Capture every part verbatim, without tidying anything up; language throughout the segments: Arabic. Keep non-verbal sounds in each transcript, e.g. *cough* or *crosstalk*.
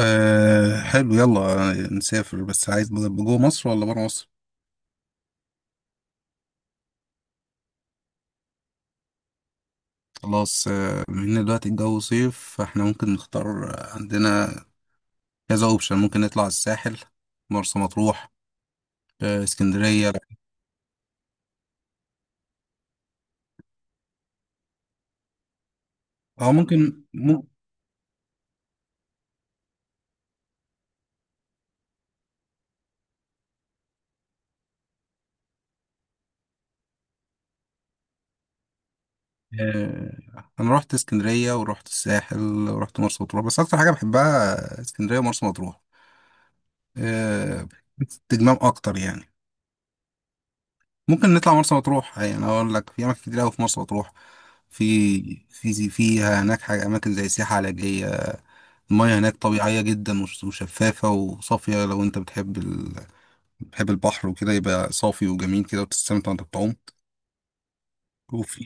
أه، حلو، يلا نسافر. بس عايز جوه مصر ولا بره مصر؟ خلاص. آه، بما ان دلوقتي الجو صيف، فاحنا ممكن نختار. آه، عندنا كذا اوبشن. ممكن نطلع الساحل، مرسى مطروح. آه، اسكندرية. اه ممكن مو آه، انا رحت اسكندرية ورحت الساحل ورحت مرسى مطروح، بس اكتر حاجة بحبها اسكندرية ومرسى مطروح. أه، استجمام اكتر يعني. ممكن نطلع مرسى مطروح. يعني اقول لك، في اماكن كتير قوي في مرسى مطروح. في في زي- فيها هناك حاجة أماكن زي سياحة علاجية. المياه هناك طبيعية جدا وش- وشفافة وصافية. لو أنت بتحب ال... بتحب البحر وكده، يبقى صافي وجميل كده وتستمتع وأنت بتعوم. وفي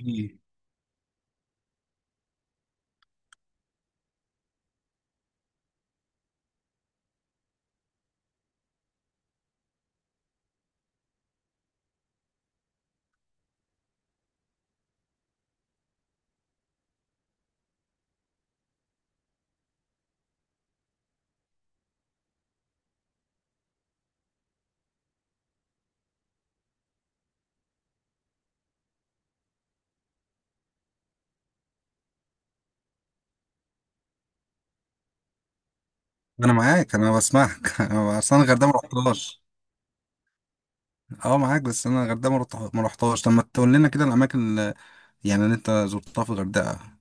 *laughs* أنا معاك، أنا بسمعك. *laughs* أنا أصل أنا الغردقة ما رحتهاش. أه، معاك، بس أنا الغردقة ما رحت- ما رحتهاش. طب ما تقول لنا كده الأماكن اللي يعني اللي أنت زرتها في الغردقة.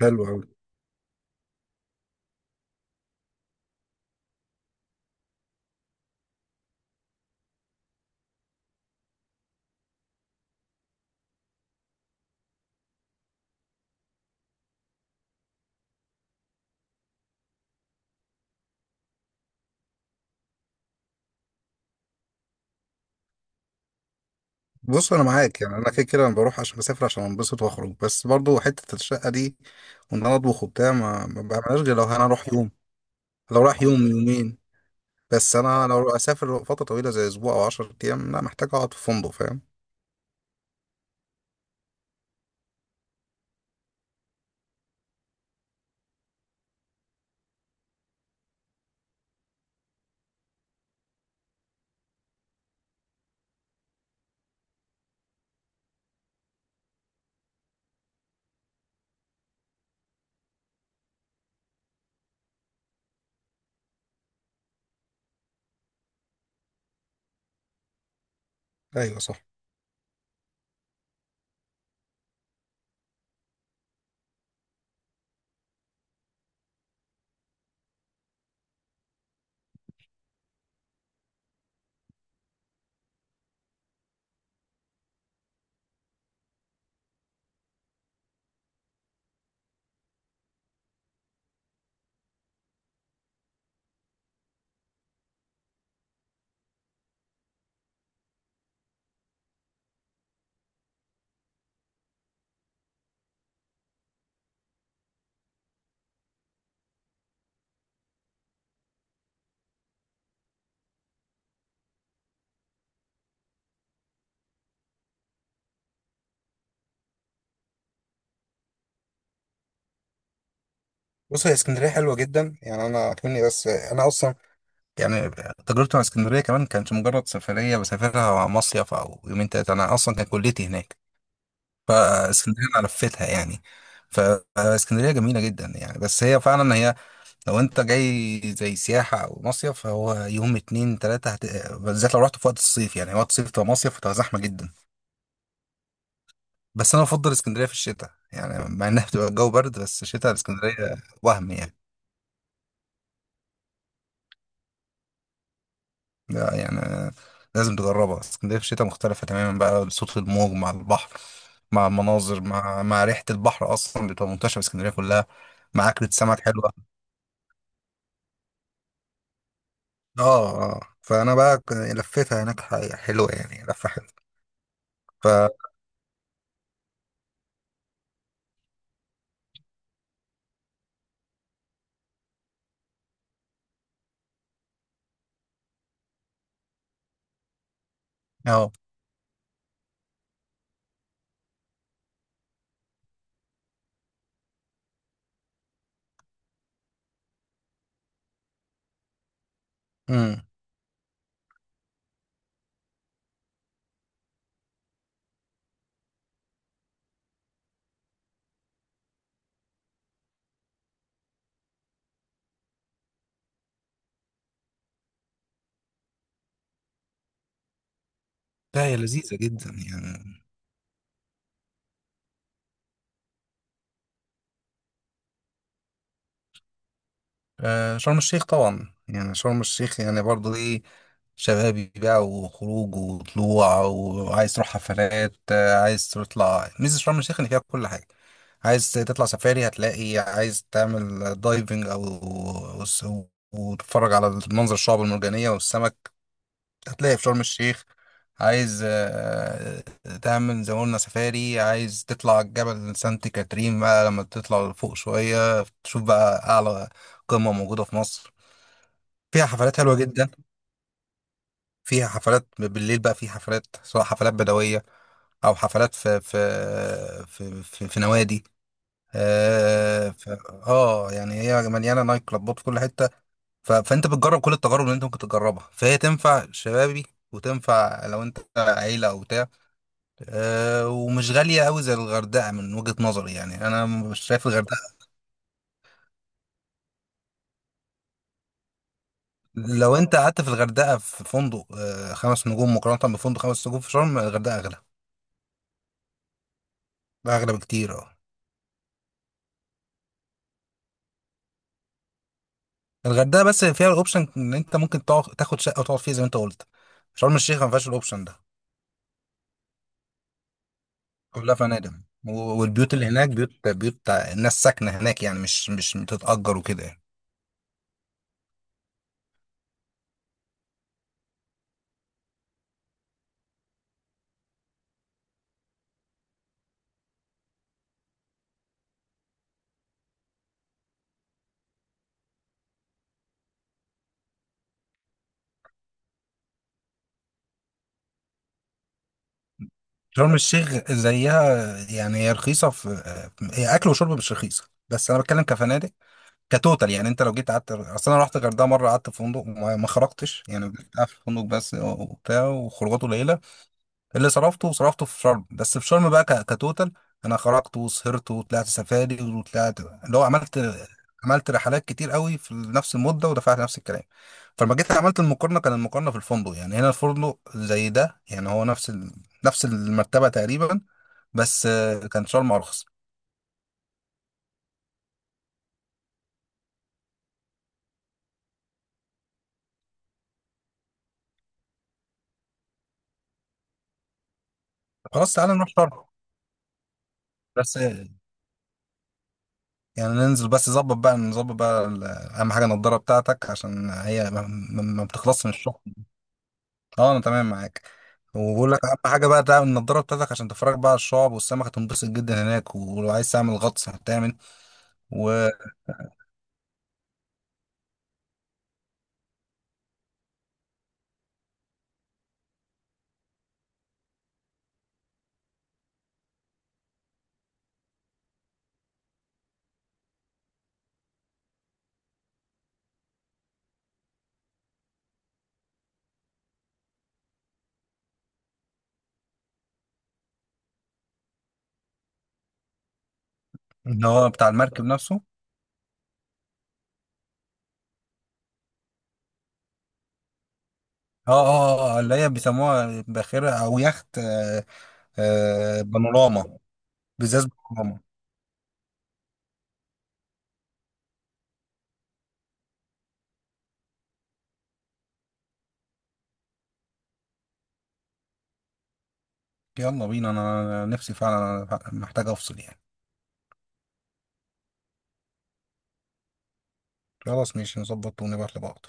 حلو أوي. بص، انا معاك. يعني انا كده كده انا بروح عشان بسافر، عشان انبسط واخرج. بس برضو حته الشقه دي، وان انا اطبخ وبتاع، ما ما بعملهاش غير لو انا اروح يوم، لو رايح يوم يومين. بس انا لو اسافر فتره طويله زي اسبوع او عشر ايام، لا، محتاج اقعد في فندق، فاهم؟ ايوه، صح. بص، هي اسكندريه حلوه جدا يعني. انا اكمني، بس انا اصلا يعني تجربتي مع اسكندريه كمان كانت مجرد سفريه بسافرها مع مصيف او يومين تلاته. انا اصلا كان كليتي هناك، فاسكندريه انا لفيتها يعني. فاسكندريه جميله جدا يعني. بس هي فعلا هي، لو انت جاي زي سياحة او مصيف، فهو يوم اتنين تلاتة هت... بالذات لو رحت في وقت الصيف. يعني وقت الصيف تبقى مصيف وتبقى زحمة جدا. بس انا بفضل اسكندرية في الشتاء، يعني مع انها بتبقى الجو برد، بس الشتاء اسكندرية وهم يعني. لا يعني، لازم تجربها. اسكندرية في الشتاء مختلفة تماما بقى، صوت الموج مع البحر، مع المناظر، مع مع ريحة البحر اصلا بتبقى منتشرة في اسكندرية كلها، مع اكلة سمك حلوة. اه اه، فانا بقى ك- لفيتها هناك، ح- حلوة يعني، لفة حلوة. ف اه لا، هي لذيذة جدا يعني. آه شرم الشيخ طبعا يعني. شرم الشيخ يعني برضه ايه، شبابي بقى، وخروج وطلوع، وعايز تروح حفلات. آه، عايز تطلع، ميزة شرم الشيخ ان فيها كل حاجة. عايز تطلع سفاري، هتلاقي. عايز تعمل دايفنج او وس- وتتفرج على المنظر، الشعب المرجانية والسمك، هتلاقي في شرم الشيخ. عايز آه، آه، تعمل زي ما قلنا سفاري. عايز تطلع جبل سانت كاترين بقى، لما تطلع لفوق شوية تشوف بقى أعلى قمة موجودة في مصر. فيها حفلات حلوة جدا، فيها حفلات بالليل بقى. في حفلات، سواء حفلات بدوية أو حفلات في في في في, في نوادي. آه, ف... اه، يعني هي مليانه نايت كلابات في كل حته. ف... فانت بتجرب كل التجارب اللي انت ممكن تجربها، فهي تنفع شبابي وتنفع لو انت عيله او بتاع. أه، ومش غالية أوي زي الغردقة من وجهة نظري يعني. أنا مش شايف الغردقة، لو أنت قعدت في الغردقة في فندق أه خمس نجوم، مقارنة بفندق خمس نجوم في شرم، الغردقة أغلى، أغلى بكتير، أه. الغردقة بس فيها الأوبشن إن أنت ممكن تقعد، تاخد شقة وتقعد فيها زي ما أنت قلت. شرم الشيخ ما فيهاش الأوبشن ده، كلها فنادق. و- والبيوت اللي هناك بيوت، بيوت الناس ساكنة هناك يعني، مش مش بتتأجر وكده يعني. شرم الشيخ زيها يعني. هي رخيصة في، آه، هي أكل وشرب مش رخيصة، بس أنا بتكلم كفنادق، كتوتال يعني. انت لو جيت قعدت، اصل انا رحت الغردقه مره، قعدت في فندق وما ما خرجتش يعني. قعدت في الفندق بس وبتاع، وخروجات قليله. اللي صرفته صرفته في شرم، بس في شرم بقى ك- كتوتال، انا خرجت وسهرت وطلعت سفاري، وطلعت، اللي هو عملت عملت رحلات كتير قوي في نفس المده، ودفعت نفس الكلام. فلما جيت عملت المقارنه، كان المقارنه في الفندق يعني، هنا الفندق زي ده يعني، هو نفس ال... نفس المرتبه تقريبا، بس آه، كان شرم ارخص. خلاص، تعالى نروح شرم. بس يعني ننزل، بس نظبط بقى، نظبط بقى ال- اهم حاجه النضاره بتاعتك، عشان هي ما ما- ما بتخلصش من الشغل. اه، انا تمام معاك. وبقول لك، اهم حاجه بقى تعمل النضاره بتاعتك عشان تتفرج بقى على الشعب والسمك، هتنبسط جدا هناك. ولو عايز تعمل غطس هتعمل، واللي هو بتاع المركب نفسه. اه اه اه، آه، اللي هي بيسموها باخره او يخت. آه آه، بانوراما. بزاز بانوراما. يلا بينا، انا نفسي فعلا. أنا محتاج افصل يعني. خلاص، ماشي، نظبط ونبعت لبعض.